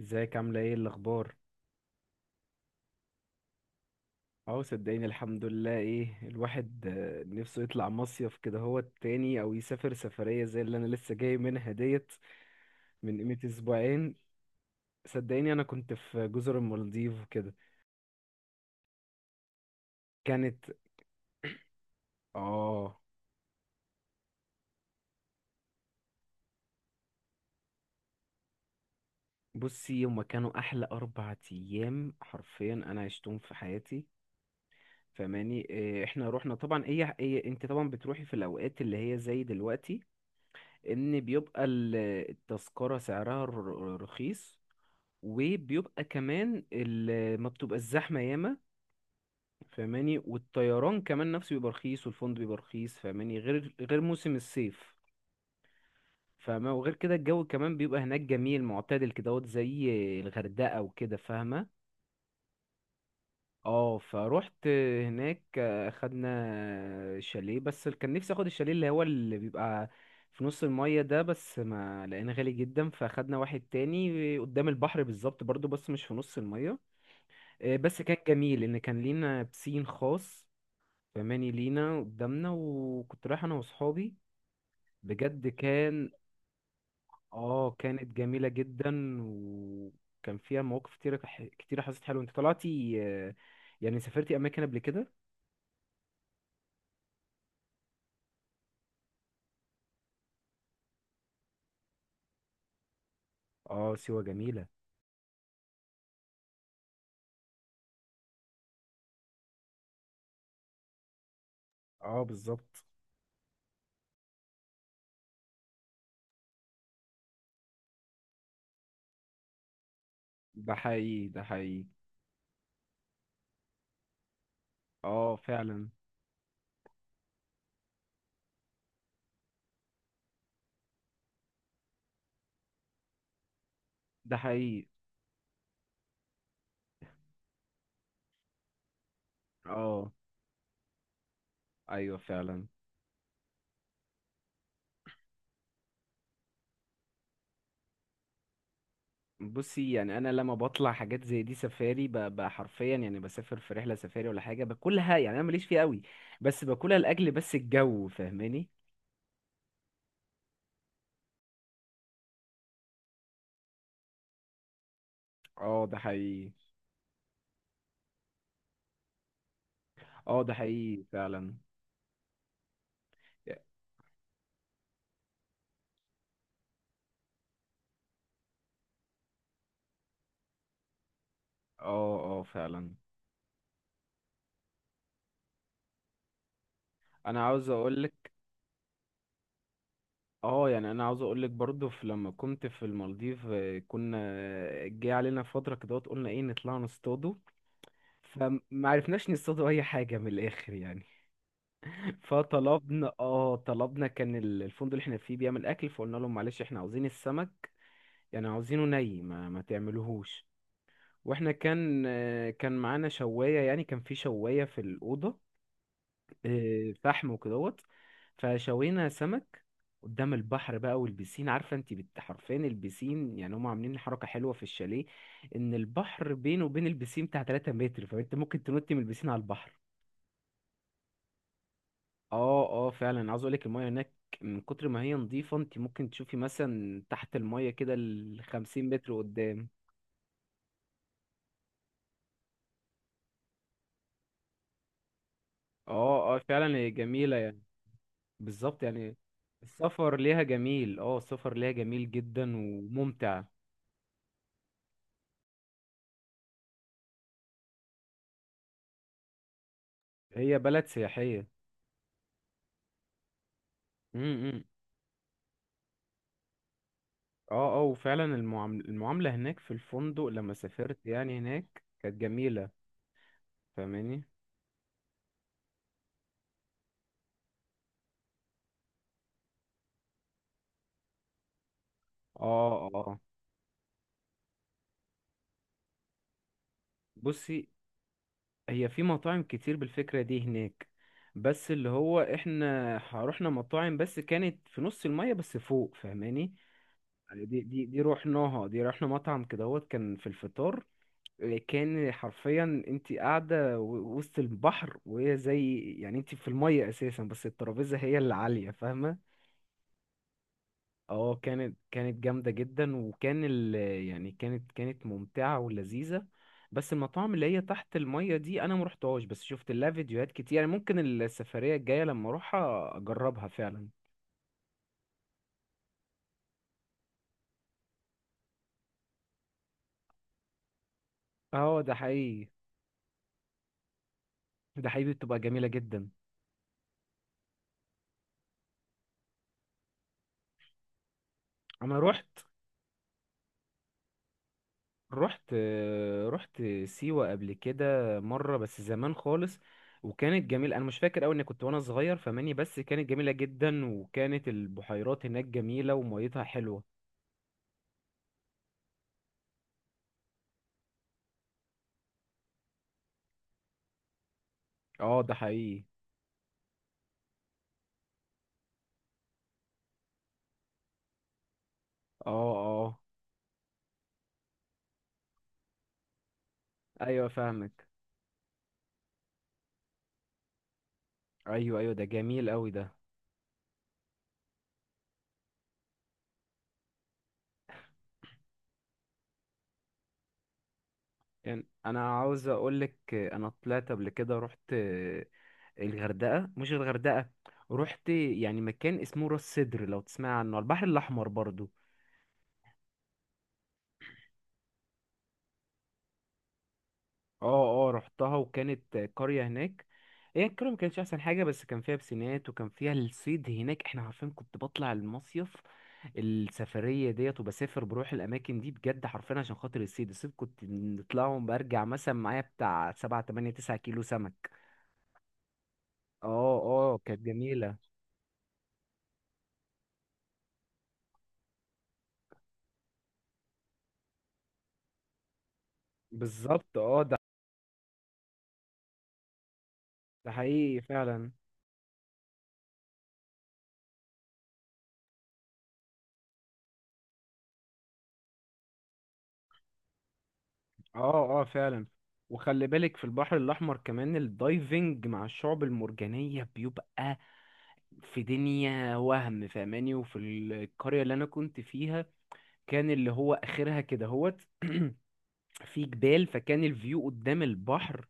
ازيك عاملة ايه الأخبار؟ اه، صدقيني الحمد لله. ايه الواحد نفسه يطلع مصيف كده هو التاني أو يسافر سفرية زي اللي أنا لسه جاي منها ديت من قيمة أسبوعين. صدقيني أنا كنت في جزر المالديف وكده. كانت اه، بصي هما كانوا أحلى أربع أيام حرفيا أنا عشتهم في حياتي فماني. احنا روحنا طبعا إيه انت طبعا بتروحي في الأوقات اللي هي زي دلوقتي ان بيبقى التذكرة سعرها رخيص، وبيبقى كمان ما بتبقى الزحمة ياما فاهماني، والطيران كمان نفسه بيبقى رخيص والفندق بيبقى رخيص فاهماني، غير موسم الصيف فاهمة. وغير كده الجو كمان بيبقى هناك جميل معتدل كدهوت زي الغردقة وكده فاهمة. اه، فروحت هناك خدنا شاليه بس كان نفسي اخد الشاليه اللي هو اللي بيبقى في نص المية ده، بس ما لقينا غالي جدا فاخدنا واحد تاني قدام البحر بالظبط برضو بس مش في نص المية. بس كان جميل ان كان لينا بسين خاص فماني لينا قدامنا، وكنت رايح انا واصحابي بجد. كان اه، كانت جميلة جدا وكان فيها مواقف كتيرة كتيرة. حسيت حلوة. انت طلعتي يعني سافرتي اماكن قبل كده؟ اه، سيوة جميلة. اه بالظبط. ده حقيقي، ده حقيقي. اه فعلا. ده حقيقي. اه، ايوه فعلا. بصي يعني انا لما بطلع حاجات زي دي سفاري حرفيا يعني بسافر في رحله سفاري ولا حاجه باكلها، يعني انا ماليش فيها قوي بس باكلها لاجل بس الجو فاهماني. اه ده حقيقي. اه ده حقيقي فعلا. اه اه فعلا. انا عاوز اقولك. اه، يعني انا عاوز اقولك برضو في لما كنت في المالديف كنا جه علينا فتره كده قلنا ايه نطلع نصطادوا. فما عرفناش نصطادوا اي حاجه من الاخر يعني. فطلبنا اه، طلبنا كان الفندق اللي احنا فيه بيعمل اكل، فقلنا لهم معلش احنا عاوزين السمك يعني عاوزينه ما تعملوهوش. واحنا كان كان معانا شوايه، يعني كان في شوايه في الاوضه. فحم وكدهوت، فشوينا سمك قدام البحر بقى. والبسين عارفه انت حرفيا البسين يعني هم عاملين حركه حلوه في الشاليه، ان البحر بينه وبين البسين بتاع 3 متر، فانت ممكن تنطي من البسين على البحر. اه اه فعلا. عاوز اقولك المايه هناك من كتر ما هي نظيفة انت ممكن تشوفي مثلا تحت المايه كده الخمسين متر قدام. اه اه فعلا هي جميلة يعني. بالظبط يعني. السفر ليها جميل. اه السفر ليها جميل جدا وممتع. هي بلد سياحية. امم. اه اه وفعلا المعاملة هناك في الفندق لما سافرت يعني هناك كانت جميلة فاهماني. اه اه بصي، هي في مطاعم كتير بالفكرة دي هناك، بس اللي هو احنا رحنا مطاعم بس كانت في نص المية بس فوق فاهماني. يعني دي رحناها. دي رحنا مطعم كدهوت كان في الفطار. إيه، كان حرفيا انت قاعدة وسط البحر، وهي زي يعني انت في المية اساسا بس الترابيزة هي اللي عالية فاهمة؟ اه كانت جامدة جدا، وكان ال، يعني كانت ممتعة ولذيذة. بس المطاعم اللي هي تحت المية دي انا مروحتهاش، بس شفت لها فيديوهات كتير. يعني ممكن السفرية الجاية لما اروحها اجربها فعلا. اه ده حقيقي. ده حقيقي، بتبقى جميلة جدا. انا رحت. رحت رحت سيوة قبل كده، مرة بس زمان خالص. وكانت جميلة. انا مش فاكر قوي اني كنت وانا صغير فماني، بس كانت جميلة جدا، وكانت البحيرات هناك جميلة وميتها حلوة. اه ده حقيقي. اه اه ايوه فاهمك. ايوه ايوه، ده جميل قوي ده. يعني انا عاوز اقولك، انا طلعت قبل كده. رحت الغردقه، مش الغردقه، رحت يعني مكان اسمه راس سدر لو تسمع عنه، على البحر الاحمر برضو. اه اه رحتها. وكانت قريه هناك. هي القريه ما كانتش احسن حاجه، بس كان فيها بسينات وكان فيها الصيد هناك. احنا عارفين كنت بطلع المصيف السفرية ديت وبسافر بروح الأماكن دي بجد حرفيا عشان خاطر الصيد. الصيد كنت نطلعهم برجع مثلا معايا بتاع سبعة تمانية تسعة كيلو سمك. اه اه كانت جميلة. بالظبط. اه ده، ده حقيقي فعلا. اه اه فعلا. وخلي بالك في البحر الأحمر كمان الدايفنج مع الشعب المرجانية بيبقى في دنيا وهم فاهماني. وفي القرية اللي أنا كنت فيها كان اللي هو آخرها كده هوت في جبال، فكان الفيو قدام البحر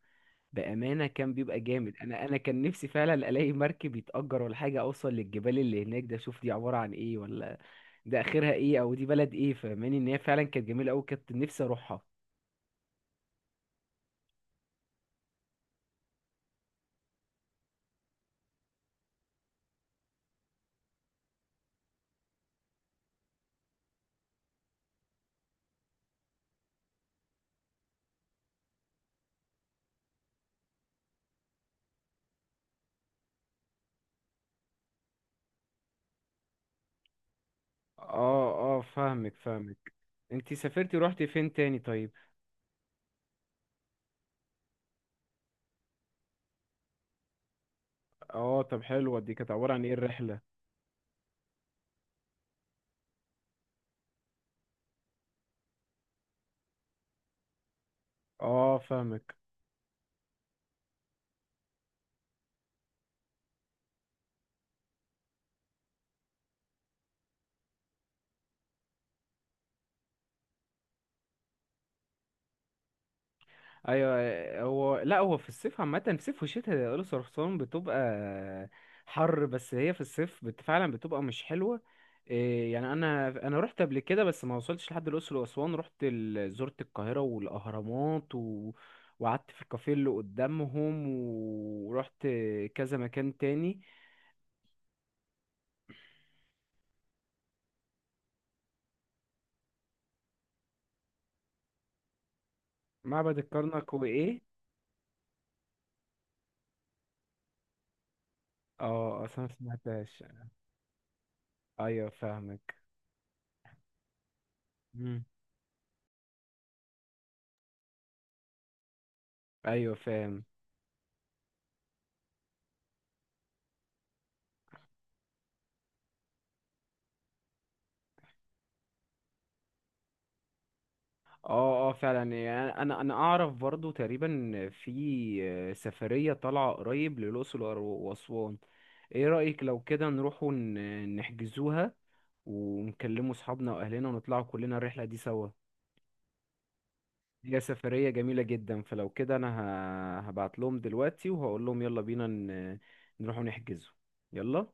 بأمانة كان بيبقى جامد. أنا كان نفسي فعلا ألاقي مركب يتأجر ولا حاجة أوصل للجبال اللي هناك ده، أشوف دي عبارة عن إيه، ولا ده آخرها إيه أو دي بلد إيه فاهماني. إن هي فعلا كانت جميلة أوي، كنت نفسي أروحها. فاهمك فاهمك. أنتي سافرتي روحتي فين تاني طيب؟ آه طب حلوة، دي كانت عبارة عن إيه الرحلة؟ آه فاهمك. ايوه هو لا، هو في الصيف عامه، في الصيف والشتاء يا الاقصر واسوان بتبقى حر، بس هي في الصيف فعلا بتبقى مش حلوه. إيه يعني، انا رحت قبل كده بس ما وصلتش لحد الاقصر واسوان. رحت زرت القاهره والاهرامات، و... وقعدت في الكافيه اللي قدامهم، ورحت كذا مكان تاني. معبد الكرنك وايه؟ اه اصلا ما سمعتهاش. ايوه فاهمك. مم. ايوه فاهم. اه اه فعلا. يعني انا اعرف برضو تقريبا في سفرية طالعة قريب للأقصر وأسوان. ايه رأيك لو كده نروح نحجزوها، ونكلموا اصحابنا واهلنا ونطلعوا كلنا الرحلة دي سوا؟ هي سفرية جميلة جدا، فلو كده انا هبعت لهم دلوقتي وهقول لهم يلا بينا نروحوا نحجزوا. يلا.